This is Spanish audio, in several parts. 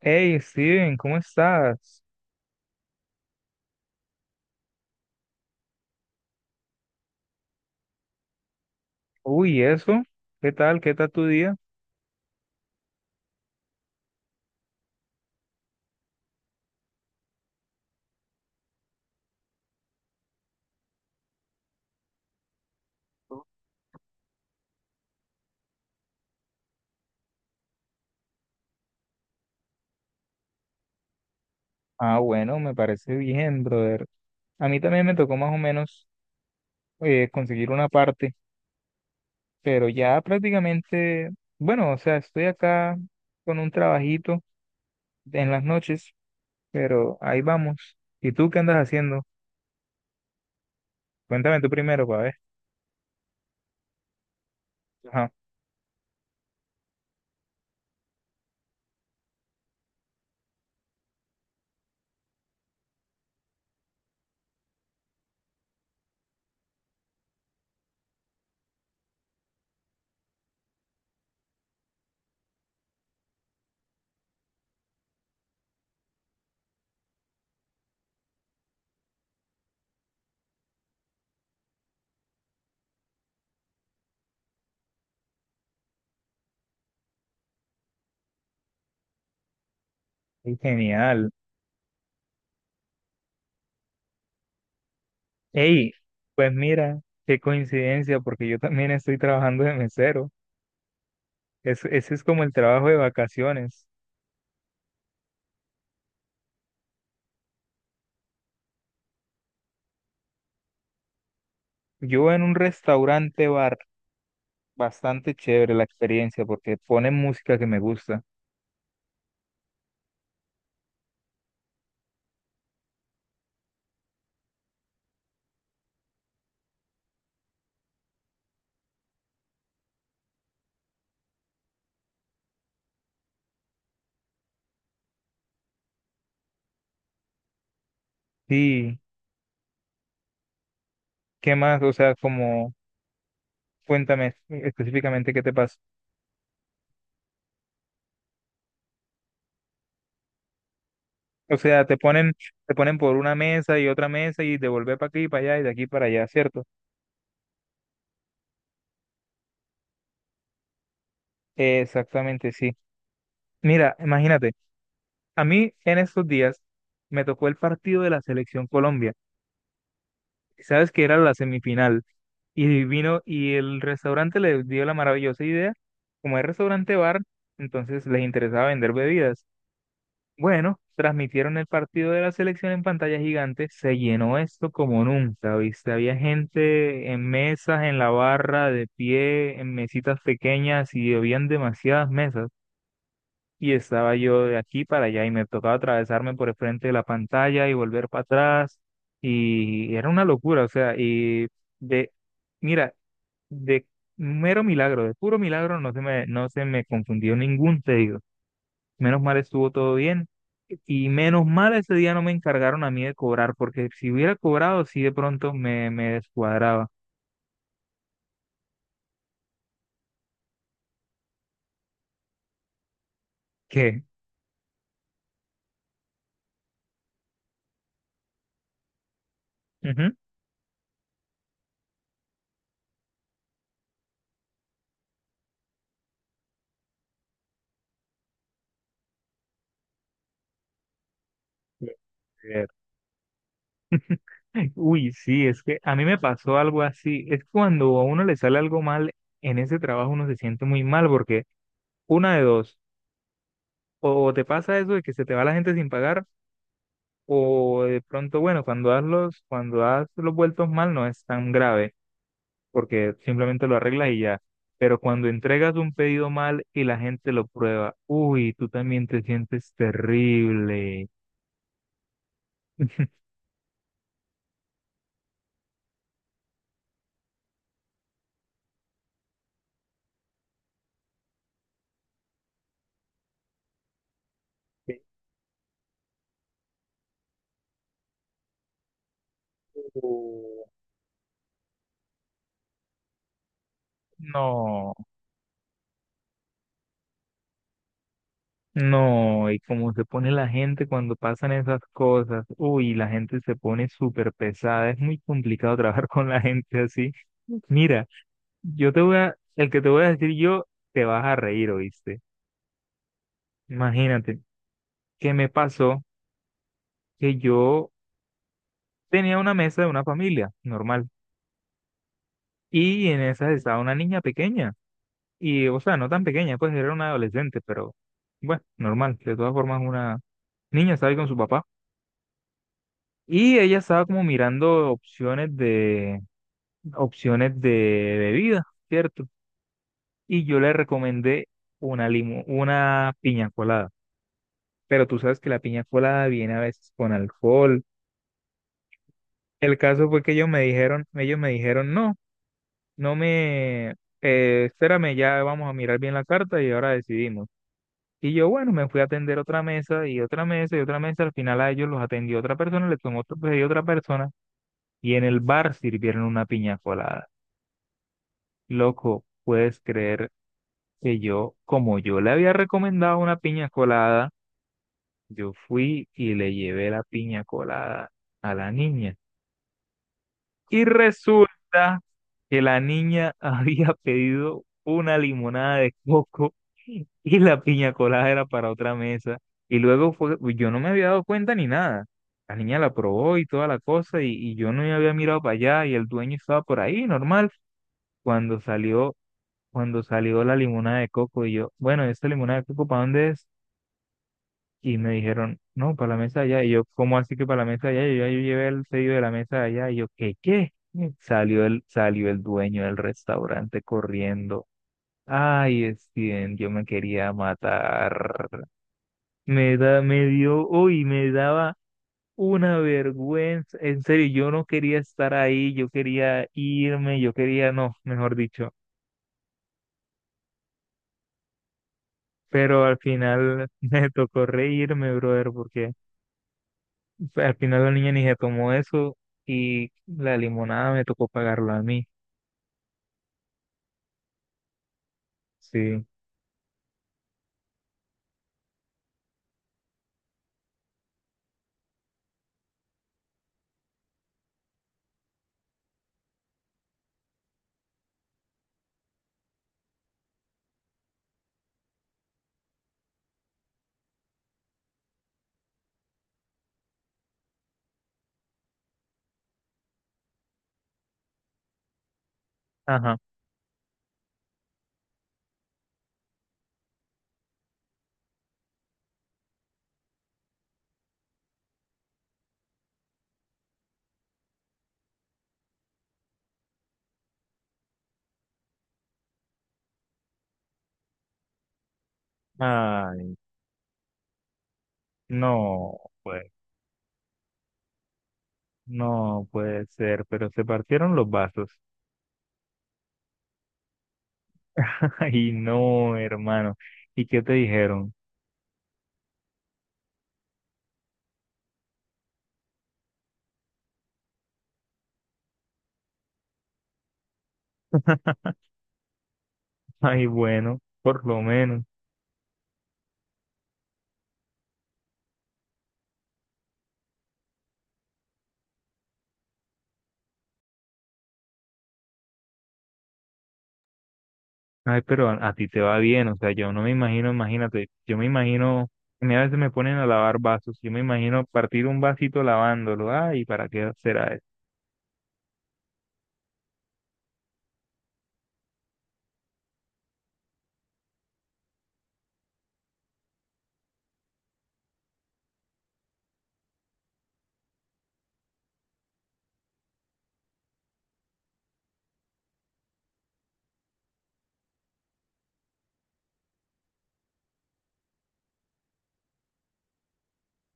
Hey Steven, ¿cómo estás? Uy, ¿eso? ¿Qué tal? ¿Qué tal tu día? Ah, bueno, me parece bien, brother. A mí también me tocó más o menos conseguir una parte, pero ya prácticamente, bueno, o sea, estoy acá con un trabajito en las noches, pero ahí vamos. ¿Y tú qué andas haciendo? Cuéntame tú primero, para ver. Ajá. Ey, genial. Hey, pues mira, qué coincidencia, porque yo también estoy trabajando de mesero. Ese es como el trabajo de vacaciones. Yo en un restaurante bar, bastante chévere la experiencia porque ponen música que me gusta. Sí, ¿qué más? O sea, como, cuéntame específicamente qué te pasa. O sea, te ponen por una mesa y otra mesa y de volver para aquí y para allá y de aquí para allá, ¿cierto? Exactamente, sí. Mira, imagínate, a mí en estos días me tocó el partido de la selección Colombia. Sabes que era la semifinal y vino y el restaurante le dio la maravillosa idea, como es restaurante bar, entonces les interesaba vender bebidas. Bueno, transmitieron el partido de la selección en pantalla gigante, se llenó esto como nunca, ¿viste? Había gente en mesas, en la barra, de pie, en mesitas pequeñas y habían demasiadas mesas y estaba yo de aquí para allá y me tocaba atravesarme por el frente de la pantalla y volver para atrás y era una locura, o sea, y de, mira, de mero milagro, de puro milagro no se me confundió ningún pedido. Menos mal estuvo todo bien y menos mal ese día no me encargaron a mí de cobrar porque si hubiera cobrado sí de pronto me descuadraba. ¿Qué? Ujú. Uy, sí, es que a mí me pasó algo así. Es cuando a uno le sale algo mal en ese trabajo, uno se siente muy mal porque una de dos, o te pasa eso de que se te va la gente sin pagar, o de pronto, bueno, cuando das los vueltos mal no es tan grave porque simplemente lo arreglas y ya. Pero cuando entregas un pedido mal y la gente lo prueba, uy, tú también te sientes terrible. Uh, no. No, y cómo se pone la gente cuando pasan esas cosas. Uy, la gente se pone súper pesada. Es muy complicado trabajar con la gente así. Mira, yo te voy a, el que te voy a decir yo, te vas a reír, ¿oíste? Imagínate, que me pasó que yo tenía una mesa de una familia normal y en esa estaba una niña pequeña. Y, o sea, no tan pequeña, pues era una adolescente, pero bueno, normal. De todas formas, una niña estaba ahí con su papá. Y ella estaba como mirando opciones de bebida, ¿cierto? Y yo le recomendé una limo, una piña colada. Pero tú sabes que la piña colada viene a veces con alcohol. El caso fue que ellos me dijeron, no, no me, espérame, ya vamos a mirar bien la carta y ahora decidimos. Y yo, bueno, me fui a atender otra mesa y otra mesa y otra mesa. Al final a ellos los atendió otra persona, le tomó pedido otra persona. Y en el bar sirvieron una piña colada. Loco, puedes creer que yo, como yo le había recomendado una piña colada, yo fui y le llevé la piña colada a la niña. Y resulta que la niña había pedido una limonada de coco y la piña colada era para otra mesa. Y luego fue, pues, yo no me había dado cuenta ni nada. La niña la probó y toda la cosa y yo no me había mirado para allá y el dueño estaba por ahí, normal. Cuando salió Cuando salió la limonada de coco y yo, bueno, ¿esta limonada de coco para dónde es? Y me dijeron, no, para la mesa de allá. Y yo, ¿cómo así que para la mesa de allá? Y yo, "Ah, yo llevé el pedido de la mesa de allá. Y yo, ¿qué, qué? Salió el dueño del restaurante corriendo. Ay, Steven, yo me quería matar. Me dio, uy, me daba una vergüenza. En serio, yo no quería estar ahí, yo quería irme, yo quería, no, mejor dicho. Pero al final me tocó reírme, brother, porque al final la niña ni se tomó eso y la limonada me tocó pagarla a mí. Sí, ajá. Ay, no, pues. No puede ser, pero se partieron los vasos. Ay, no, hermano. ¿Y qué te dijeron? Ay, bueno, por lo menos. Ay, pero a ti te va bien, o sea, yo no me imagino, imagínate, yo me imagino, a mí a veces me ponen a lavar vasos, yo me imagino partir un vasito lavándolo, ay, ¿para qué será eso?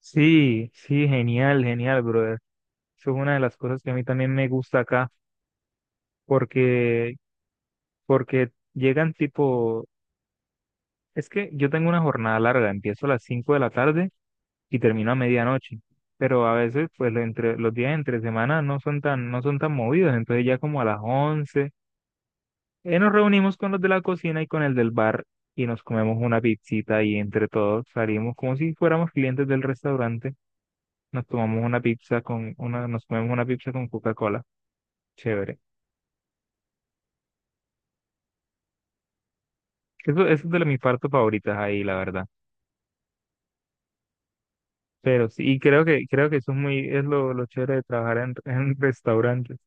Sí, sí, genial, genial, brother. Eso es una de las cosas que a mí también me gusta acá, porque, porque llegan tipo, es que yo tengo una jornada larga, empiezo a las 5 de la tarde y termino a medianoche, pero a veces, pues, los días entre semana no son tan movidos, entonces ya como a las 11. Nos reunimos con los de la cocina y con el del bar y nos comemos una pizzita y entre todos salimos como si fuéramos clientes del restaurante. Nos comemos una pizza con Coca-Cola. Chévere. Eso es de mis partes favoritas ahí, la verdad. Pero sí, y creo que eso es es lo chévere de trabajar en restaurantes.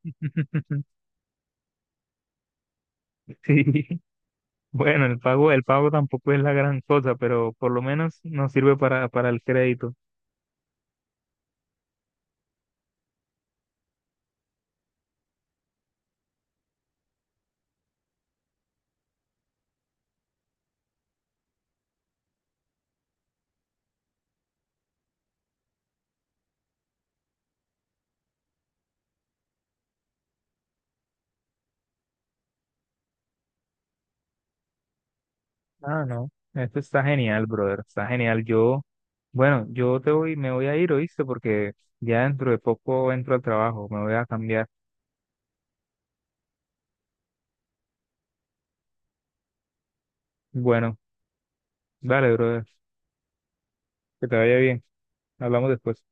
Sí, bueno, el pago tampoco es la gran cosa, pero por lo menos nos sirve para el crédito. Ah, no, esto está genial, brother, está genial. Yo bueno, yo te voy, me voy a ir, ¿oíste? Porque ya dentro de poco entro al trabajo, me voy a cambiar. Bueno, dale, brother, que te vaya bien. Hablamos después.